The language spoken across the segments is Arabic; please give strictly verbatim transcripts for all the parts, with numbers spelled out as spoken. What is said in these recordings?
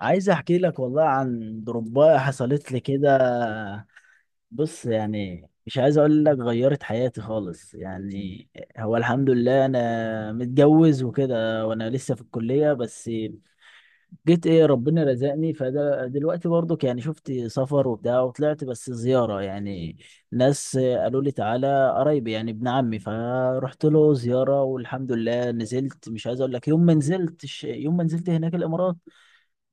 عايز احكي لك والله عن ضرباية حصلت لي كده. بص يعني، مش عايز اقول لك غيرت حياتي خالص يعني. هو الحمد لله انا متجوز وكده، وانا لسه في الكلية بس جيت. ايه، ربنا رزقني، فدلوقتي برضك يعني شفت سفر وبتاع وطلعت بس زيارة يعني. ناس قالوا لي تعالى قرايبي، يعني ابن عمي، فرحت له زيارة والحمد لله نزلت. مش عايز اقول لك، يوم ما نزلت يوم ما نزلت هناك الامارات،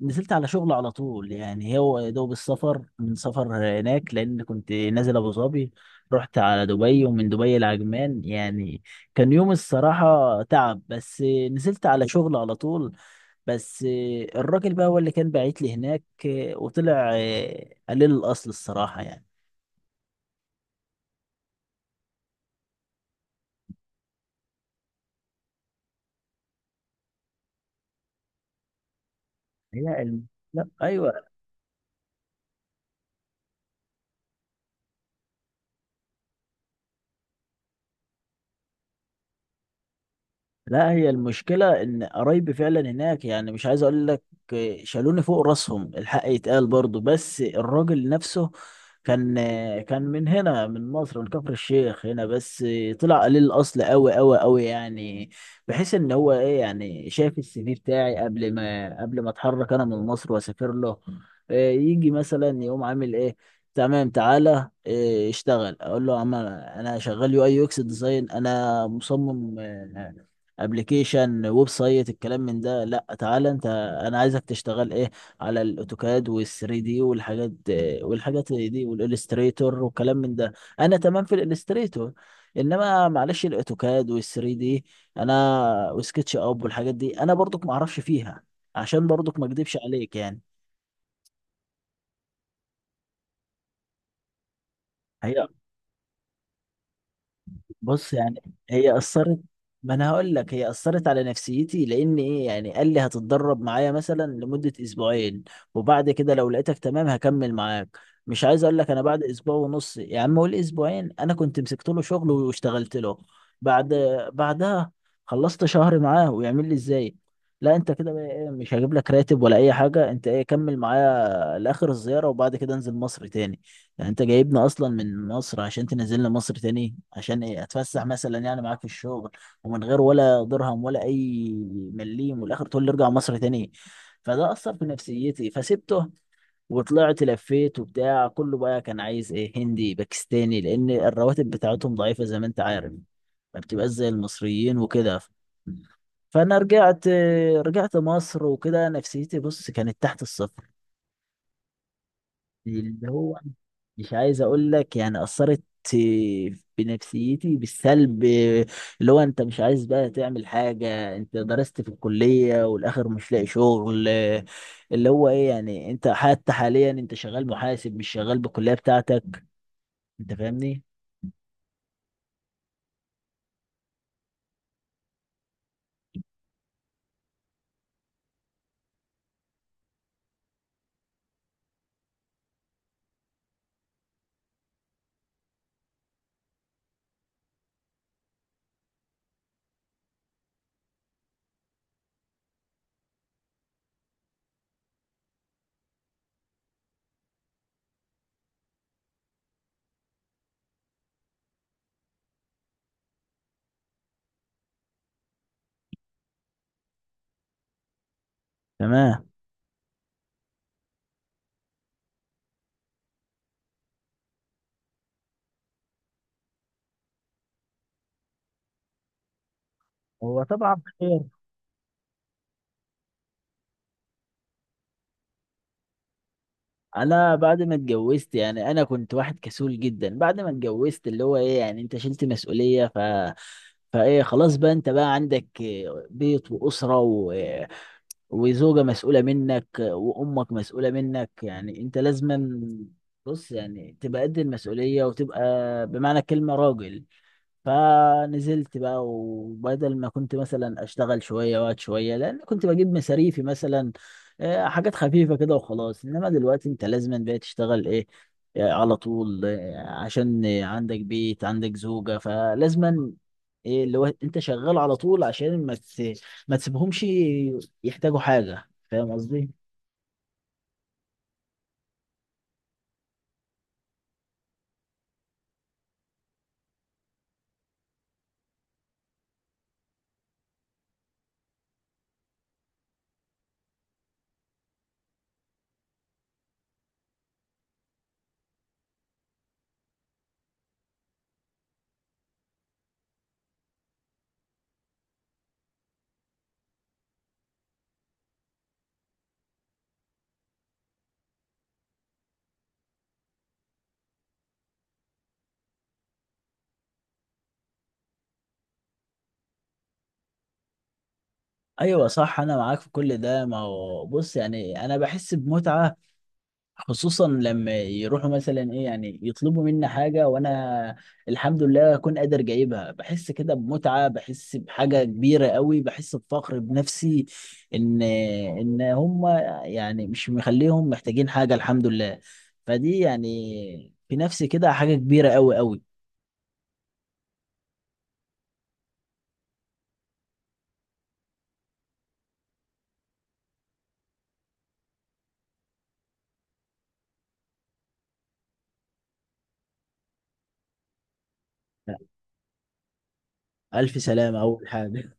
نزلت على شغل على طول. يعني هو يا دوب السفر من سفر هناك، لان كنت نازل ابو ظبي، رحت على دبي، ومن دبي لعجمان يعني. كان يوم الصراحة تعب، بس نزلت على شغل على طول. بس الراجل بقى هو اللي كان باعت لي هناك، وطلع قليل الاصل الصراحة يعني. هي الم... لا ايوه، لا، هي المشكلة إن قرايبي فعلا هناك، يعني مش عايز أقول لك، شالوني فوق راسهم، الحق يتقال برضو. بس الراجل نفسه كان كان من هنا، من مصر، من كفر الشيخ هنا، بس طلع قليل الأصل أوي أوي أوي يعني. بحيث إن هو إيه يعني، شاف السي في بتاعي قبل ما قبل ما أتحرك أنا من مصر وأسافر له. إيه، يجي مثلا يقوم عامل إيه، تمام تعالى إيه، اشتغل. اقول له يا عم انا شغال يو اي يو اكس ديزاين، انا مصمم، آه، ابلكيشن ويب سايت، الكلام من ده. لا تعالى انت، انا عايزك تشتغل ايه، على الاوتوكاد وال3 دي والحاجات، والحاجات دي، والالستريتور، والكلام من ده. انا تمام في الالستريتور، انما معلش الاوتوكاد وال3 دي انا وسكتش اب والحاجات دي انا برضك ما اعرفش فيها، عشان برضك ما اكدبش عليك يعني. هي، بص يعني، هي اثرت. ما انا هقول لك، هي اثرت على نفسيتي، لان ايه يعني، قال لي هتتدرب معايا مثلا لمده اسبوعين، وبعد كده لو لقيتك تمام هكمل معاك. مش عايز اقول لك انا بعد اسبوع ونص، يا عم قول اسبوعين، انا كنت مسكت له شغل واشتغلت له. بعد بعدها خلصت شهر معاه، ويعمل لي ازاي؟ لا انت كده بقى ايه، مش هجيب لك راتب ولا اي حاجه، انت ايه كمل معايا لاخر الزياره وبعد كده انزل مصر تاني. يعني انت جايبنا اصلا من مصر عشان تنزلنا مصر تاني، عشان ايه، اتفسح مثلا يعني معاك في الشغل، ومن غير ولا درهم ولا اي مليم، والاخر تقول لي ارجع مصر تاني. فده اثر في نفسيتي فسبته، وطلعت لفيت وبتاع. كله بقى كان عايز ايه، هندي باكستاني، لان الرواتب بتاعتهم ضعيفة زي ما انت عارف، ما بتبقاش زي المصريين وكده. فانا رجعت رجعت مصر وكده، نفسيتي بص كانت تحت الصفر. اللي هو، مش عايز اقول لك يعني، اثرت بنفسيتي بالسلب، اللي هو انت مش عايز بقى تعمل حاجه، انت درست في الكليه والاخر مش لاقي شغل. اللي هو ايه يعني، انت حتى حاليا انت شغال محاسب، مش شغال بالكليه بتاعتك، انت فاهمني. تمام. هو طبعا خير. انا بعد ما اتجوزت يعني، انا كنت واحد كسول جدا. بعد ما اتجوزت، اللي هو ايه يعني، انت شلت مسؤولية، ف فايه خلاص بقى، انت بقى عندك بيت واسرة و... وزوجة مسؤولة منك، وامك مسؤولة منك، يعني انت لازما، بص يعني، تبقى قد المسؤولية، وتبقى بمعنى الكلمة راجل. فنزلت بقى، وبدل ما كنت مثلا اشتغل شويه وقت شويه، لان كنت بجيب مصاريفي مثلا، آه، حاجات خفيفه كده وخلاص، انما دلوقتي انت لازم بقى تشتغل ايه، آه، على طول، آه، عشان آه، عندك بيت، عندك زوجه، فلازم ايه، اللي هو انت شغال على طول، عشان ما تس- ما تسيبهمش يحتاجوا حاجه. فاهم قصدي؟ ايوه صح، انا معاك في كل ده. ما هو بص يعني، انا بحس بمتعه، خصوصا لما يروحوا مثلا ايه يعني، يطلبوا مني حاجه وانا الحمد لله اكون قادر جايبها، بحس كده بمتعه، بحس بحاجه كبيره قوي، بحس بفخر بنفسي، ان ان هم يعني مش مخليهم محتاجين حاجه الحمد لله. فدي يعني في نفسي كده حاجه كبيره قوي قوي. ألف سلامة أول حاجة.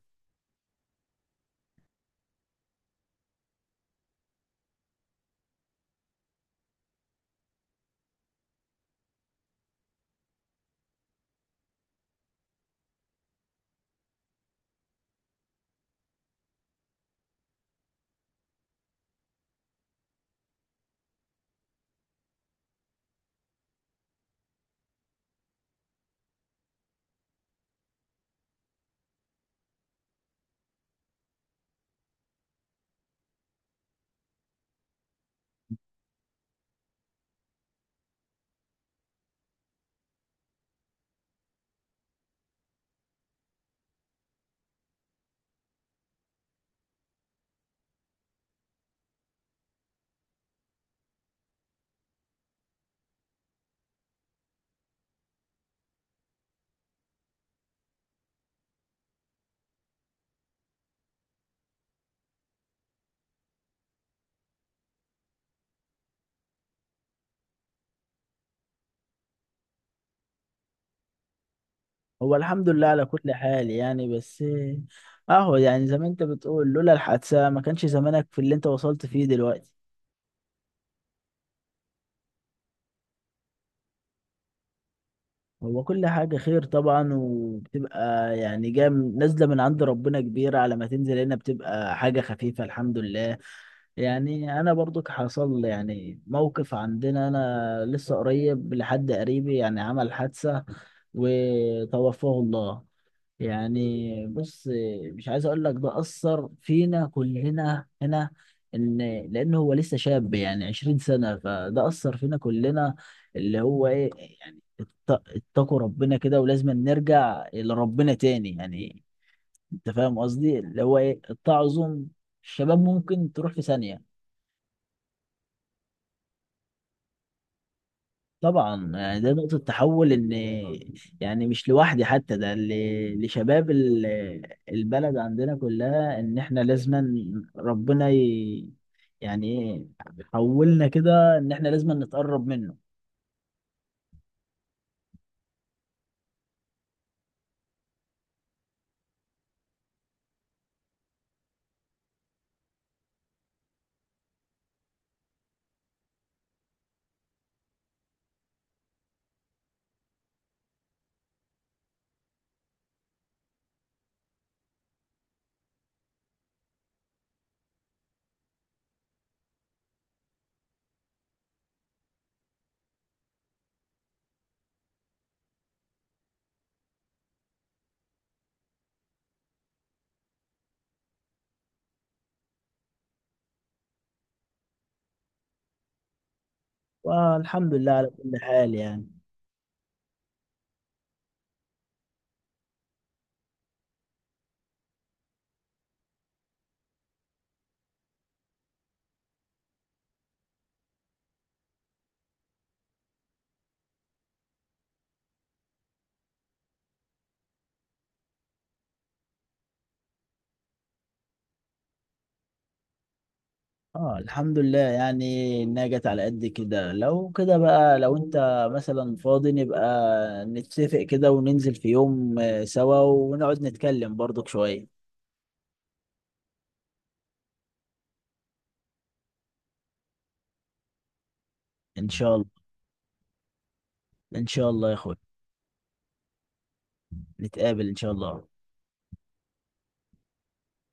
هو الحمد لله على كل حال يعني. بس أهو، يعني زي ما أنت بتقول، لولا الحادثة ما كانش زمانك في اللي أنت وصلت فيه دلوقتي. هو كل حاجة خير طبعا، وبتبقى يعني جاية من- نازلة من عند ربنا كبيرة، على ما تنزل هنا بتبقى حاجة خفيفة الحمد لله. يعني أنا برضو حصل يعني موقف عندنا، أنا لسه قريب، لحد قريبي يعني عمل حادثة وتوفاه الله. يعني بص، مش عايز اقول لك، ده اثر فينا كلنا هنا، ان لان هو لسه شاب، يعني عشرين سنه، فده اثر فينا كلنا. اللي هو ايه يعني، ات- اتقوا ربنا كده، ولازم نرجع لربنا تاني يعني. انت فاهم قصدي، اللي هو ايه، التعظم، الشباب ممكن تروح في ثانيه. طبعا يعني ده نقطة تحول، ان يعني مش لوحدي حتى، ده ل- لشباب ال- البلد عندنا كلها، ان احنا لازما، ربنا ي... يعني ايه، حولنا كده ان احنا لازما نتقرب منه. والحمد لله على كل حال يعني. اه الحمد لله. يعني انها جت على قد كده. لو كده بقى، لو انت مثلا فاضي نبقى نتفق كده، وننزل في يوم آه، سوا، ونقعد نتكلم برضك شوية. ان شاء الله. ان شاء الله يا اخويا، نتقابل إن شاء الله.